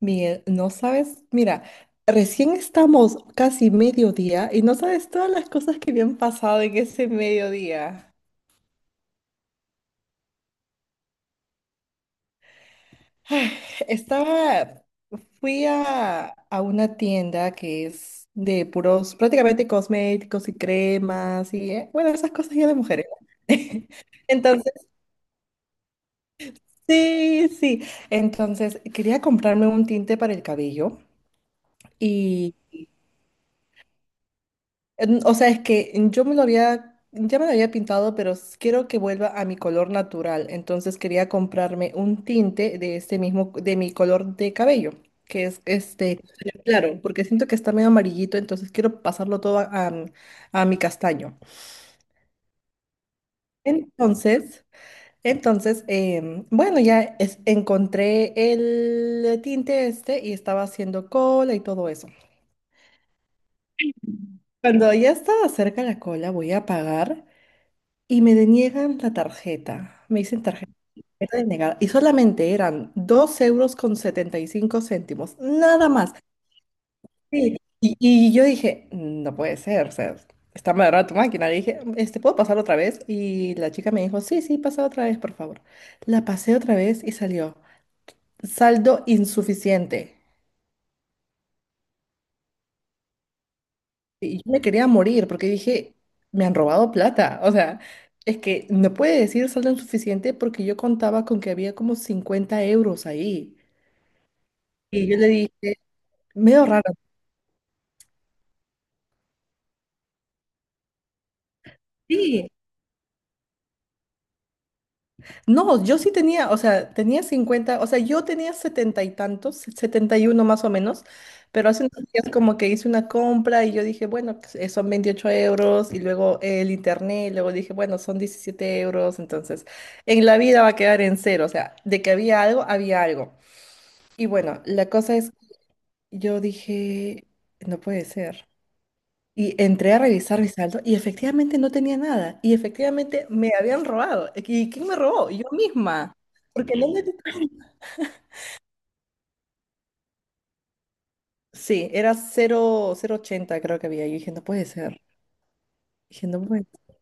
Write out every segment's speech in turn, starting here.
Miguel, no sabes, mira, recién estamos casi mediodía y no sabes todas las cosas que me han pasado en ese mediodía. Estaba, fui a una tienda que es de puros, prácticamente cosméticos y cremas y, bueno, esas cosas ya de mujeres. ¿No? Entonces, sí, sí. Entonces, quería comprarme un tinte para el cabello. O sea, es que yo ya me lo había pintado, pero quiero que vuelva a mi color natural. Entonces quería comprarme un tinte de este mismo, de mi color de cabello, que es este, claro, porque siento que está medio amarillito, entonces quiero pasarlo todo a, a mi castaño. Entonces, entonces, bueno, ya encontré el tinte este y estaba haciendo cola y todo eso. Cuando ya estaba cerca la cola, voy a apagar. Y me deniegan la tarjeta. Me dicen tarjeta denegada. Y solamente eran 2 euros con 75 céntimos. Nada más. Sí. Y yo dije, no puede ser. O sea, está mal armada tu máquina. Le dije, este, ¿puedo pasar otra vez? Y la chica me dijo, sí, sí, pasa otra vez, por favor. La pasé otra vez y salió. Saldo insuficiente. Y yo me quería morir porque dije, me han robado plata. O sea, es que no puede decir saldo insuficiente porque yo contaba con que había como 50 euros ahí. Y yo le dije, medio raro. Sí. No, yo sí tenía, o sea, tenía 50, o sea, yo tenía setenta y tantos, 71 más o menos, pero hace unos días como que hice una compra y yo dije, bueno, pues, son 28 euros y luego el internet, y luego dije, bueno, son 17 euros, entonces en la vida va a quedar en cero, o sea, de que había algo, había algo. Y bueno, la cosa es, yo dije, no puede ser. Y entré a revisar mi saldo y efectivamente no tenía nada. Y efectivamente me habían robado. ¿Y quién me robó? Yo misma. Porque no me... Sí, era cero cero ochenta creo que había. Yo dije, no puede ser. Dije, no puede ser.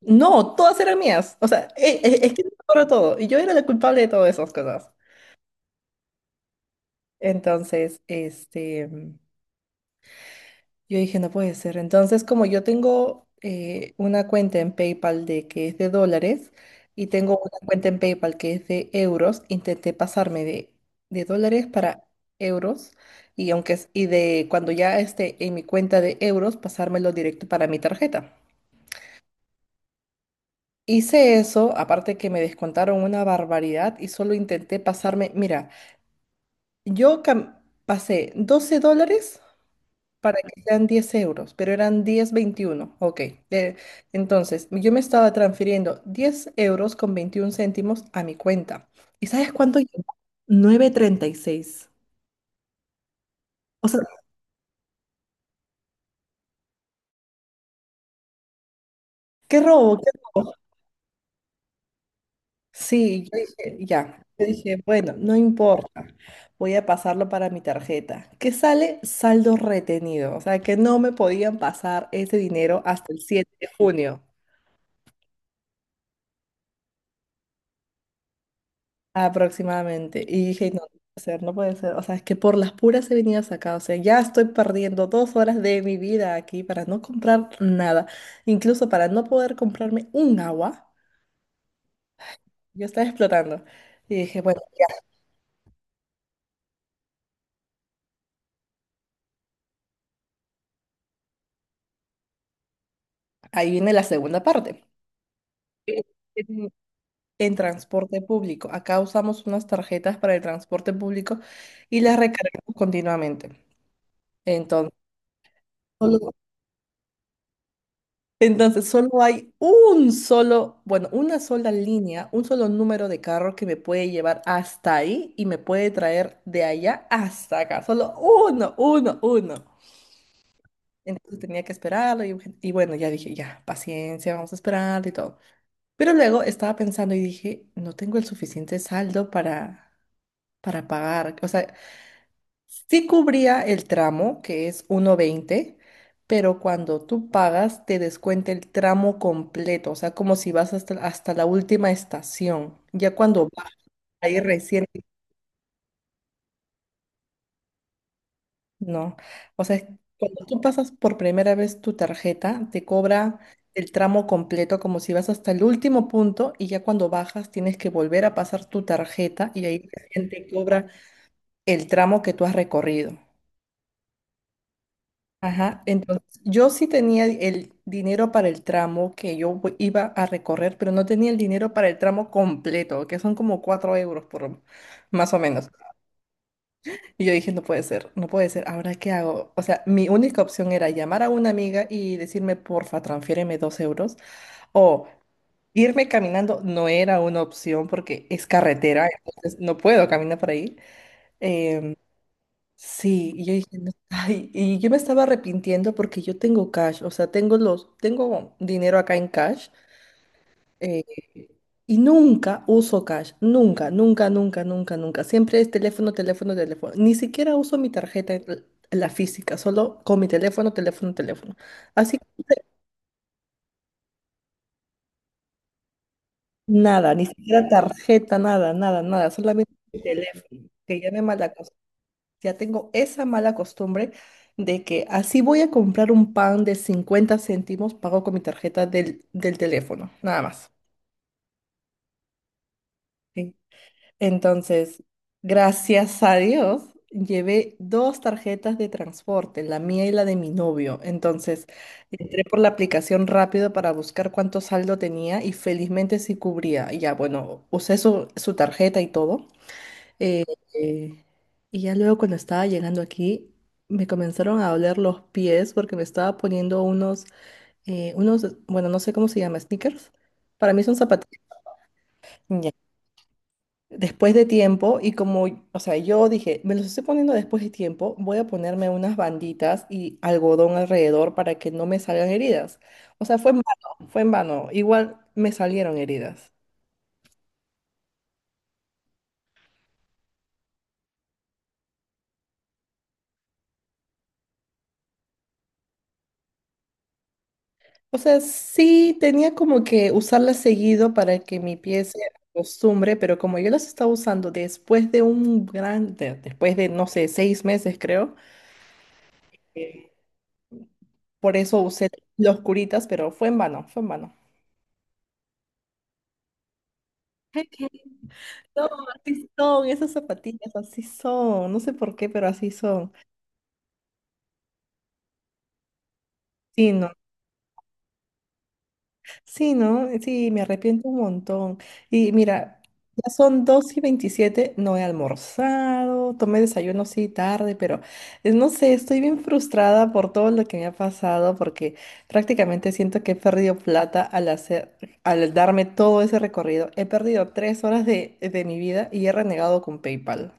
No, todas eran mías. O sea, es que no me acuerdo todo. Y yo era la culpable de todas esas cosas. Entonces, yo dije, no puede ser. Entonces, como yo tengo una cuenta en PayPal de que es de dólares y tengo una cuenta en PayPal que es de euros, intenté pasarme de, dólares para euros y aunque y de cuando ya esté en mi cuenta de euros, pasármelo directo para mi tarjeta. Hice eso, aparte que me descontaron una barbaridad y solo intenté pasarme, mira, yo pasé 12 dólares. Para que sean 10 euros, pero eran 10,21. Ok. Eh, entonces, yo me estaba transfiriendo 10 euros con 21 céntimos a mi cuenta. ¿Y sabes cuánto llegó? 9,36. O sea, qué robo, qué robo. Sí, yo dije, ya. Yo dije, bueno, no importa. Voy a pasarlo para mi tarjeta. Que sale saldo retenido. O sea, que no me podían pasar ese dinero hasta el 7 de junio aproximadamente. Y dije, no, no puede ser, no puede ser. O sea, es que por las puras he venido hasta acá. O sea, ya estoy perdiendo 2 horas de mi vida aquí para no comprar nada. Incluso para no poder comprarme un agua. Yo estaba explotando. Y dije, bueno, ya, ahí viene la segunda parte. En, en- en transporte público. Acá usamos unas tarjetas para el transporte público y las recargamos continuamente. Entonces, Entonces, solo hay un solo, bueno, una sola línea, un solo número de carro que me puede llevar hasta ahí y me puede traer de allá hasta acá. Solo uno, uno, uno. Entonces tenía que esperarlo y bueno, ya dije, ya, paciencia, vamos a esperar y todo. Pero luego estaba pensando y dije, no tengo el suficiente saldo para, pagar. O sea, sí cubría el tramo, que es 1,20, pero cuando tú pagas te descuenta el tramo completo, o sea, como si vas hasta la última estación. Ya cuando bajas ahí recién, no. O sea, cuando tú pasas por primera vez tu tarjeta, te cobra el tramo completo, como si vas hasta el último punto y ya cuando bajas tienes que volver a pasar tu tarjeta y ahí recién te cobra el tramo que tú has recorrido. Ajá, entonces yo sí tenía el dinero para el tramo que yo iba a recorrer, pero no tenía el dinero para el tramo completo, que son como 4 euros por más o menos. Y yo dije, no puede ser, no puede ser, ¿ahora qué hago? O sea, mi única opción era llamar a una amiga y decirme, porfa, transfiéreme 2 euros, o irme caminando no era una opción porque es carretera, entonces no puedo caminar por ahí. em, Sí, y yo dije, "No". Ay, y yo me estaba arrepintiendo porque yo tengo cash, o sea, tengo dinero acá en cash, eh, y nunca uso cash, nunca, nunca, nunca, nunca, nunca. Siempre es teléfono, teléfono, teléfono. Ni siquiera uso mi tarjeta, la física, solo con mi teléfono, teléfono, teléfono. Así que nada, ni siquiera tarjeta, nada, nada, nada, solamente mi teléfono, que ya me mala. Ya tengo esa mala costumbre de que así voy a comprar un pan de 50 céntimos, pago con mi tarjeta del teléfono, nada más. ¿Sí? Entonces, gracias a Dios, llevé dos tarjetas de transporte, la mía y la de mi novio. Entonces, entré por la aplicación rápido para buscar cuánto saldo tenía y felizmente sí cubría. Y ya, bueno, usé su tarjeta y todo. Eh, eh, y ya luego cuando estaba llegando aquí, me comenzaron a doler los pies porque me estaba poniendo unos, bueno, no sé cómo se llama, sneakers. Para mí son zapatillas. Ya. Después de tiempo, y como, o sea, yo dije, me los estoy poniendo después de tiempo, voy a ponerme unas banditas y algodón alrededor para que no me salgan heridas. O sea, fue en vano, fue en vano. Igual me salieron heridas. O sea, sí tenía como que usarla seguido para que mi pie se acostumbre, pero como yo las estaba usando después de un gran, después de, no sé, 6 meses creo, eh, por eso usé los curitas, pero fue en vano, fue en vano. Ay, qué. No, así son, esas zapatillas así son, no sé por qué, pero así son. Sí, no. Sí, ¿no? Sí, me arrepiento un montón. Y mira, ya son 2:27. No he almorzado, tomé desayuno sí tarde, pero no sé, estoy bien frustrada por todo lo que me ha pasado porque prácticamente siento que he perdido plata al hacer, al darme todo ese recorrido. He perdido 3 horas de mi vida y he renegado con PayPal.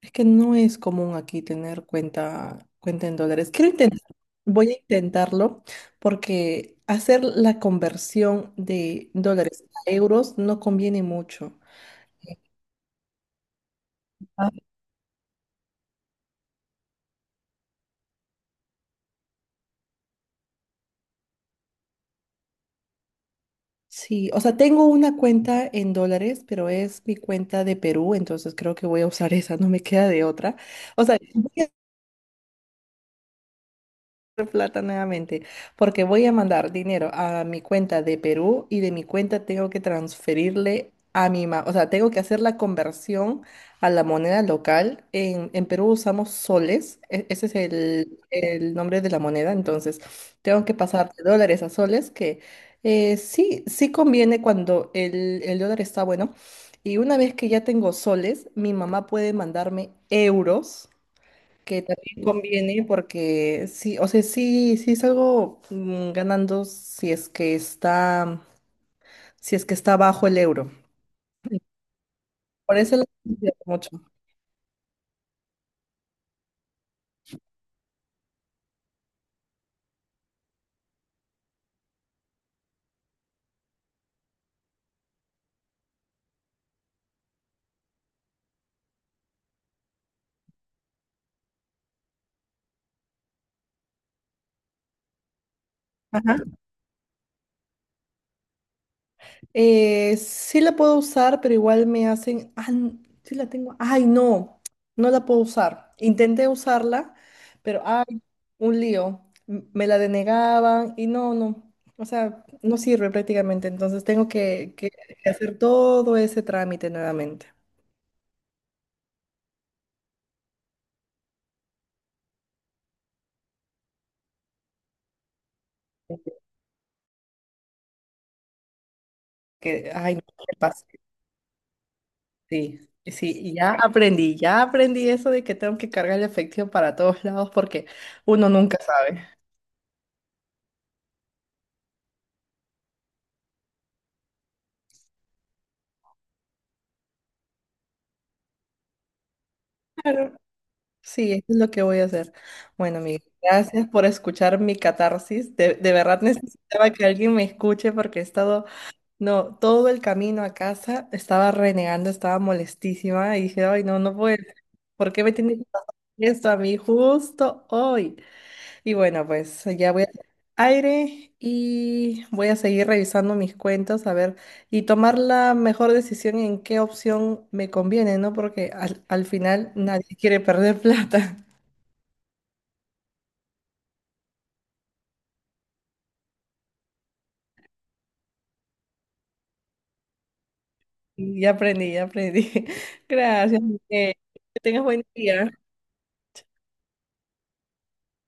Es que no es común aquí tener cuenta, en dólares. Quiero intentar, voy a intentarlo porque hacer la conversión de dólares a euros no conviene mucho. Ah, sí, o sea, tengo una cuenta en dólares, pero es mi cuenta de Perú, entonces creo que voy a usar esa, no me queda de otra. O sea, voy plata nuevamente, porque voy a mandar dinero a mi cuenta de Perú y de mi cuenta tengo que transferirle a mi mamá, o sea, tengo que hacer la conversión a la moneda local. En Perú usamos soles, ese es el nombre de la moneda, entonces tengo que pasar de dólares a soles, que sí, sí conviene cuando el dólar está bueno. Y una vez que ya tengo soles, mi mamá puede mandarme euros que también conviene porque sí, o sea, sí, sí salgo ganando si es que está bajo el euro. Por eso la utilizo mucho. Ajá. Sí la puedo usar, pero igual me hacen, ah, sí la tengo, ay, no, no la puedo usar. Intenté usarla, pero ay, un lío. Me la denegaban y no, no. O sea, no sirve prácticamente, entonces tengo que, hacer todo ese trámite nuevamente. Que, ay, no me pasa. Sí, sí, y ya aprendí eso de que tengo que cargar el efectivo para todos lados porque uno nunca sabe. Claro. Sí, eso es lo que voy a hacer. Bueno, Miguel, gracias por escuchar mi catarsis. De verdad necesitaba que alguien me escuche porque he estado, no, todo el camino a casa estaba renegando, estaba molestísima y dije, ay, no, no puede ser. ¿Por qué me tiene que pasar esto a mí justo hoy? Y bueno, pues ya voy a aire y voy a seguir revisando mis cuentas, a ver, y tomar la mejor decisión en qué opción me conviene, ¿no? Porque al final nadie quiere perder plata. Y ya aprendí, ya aprendí. Gracias, Miguel. Que tengas buen día.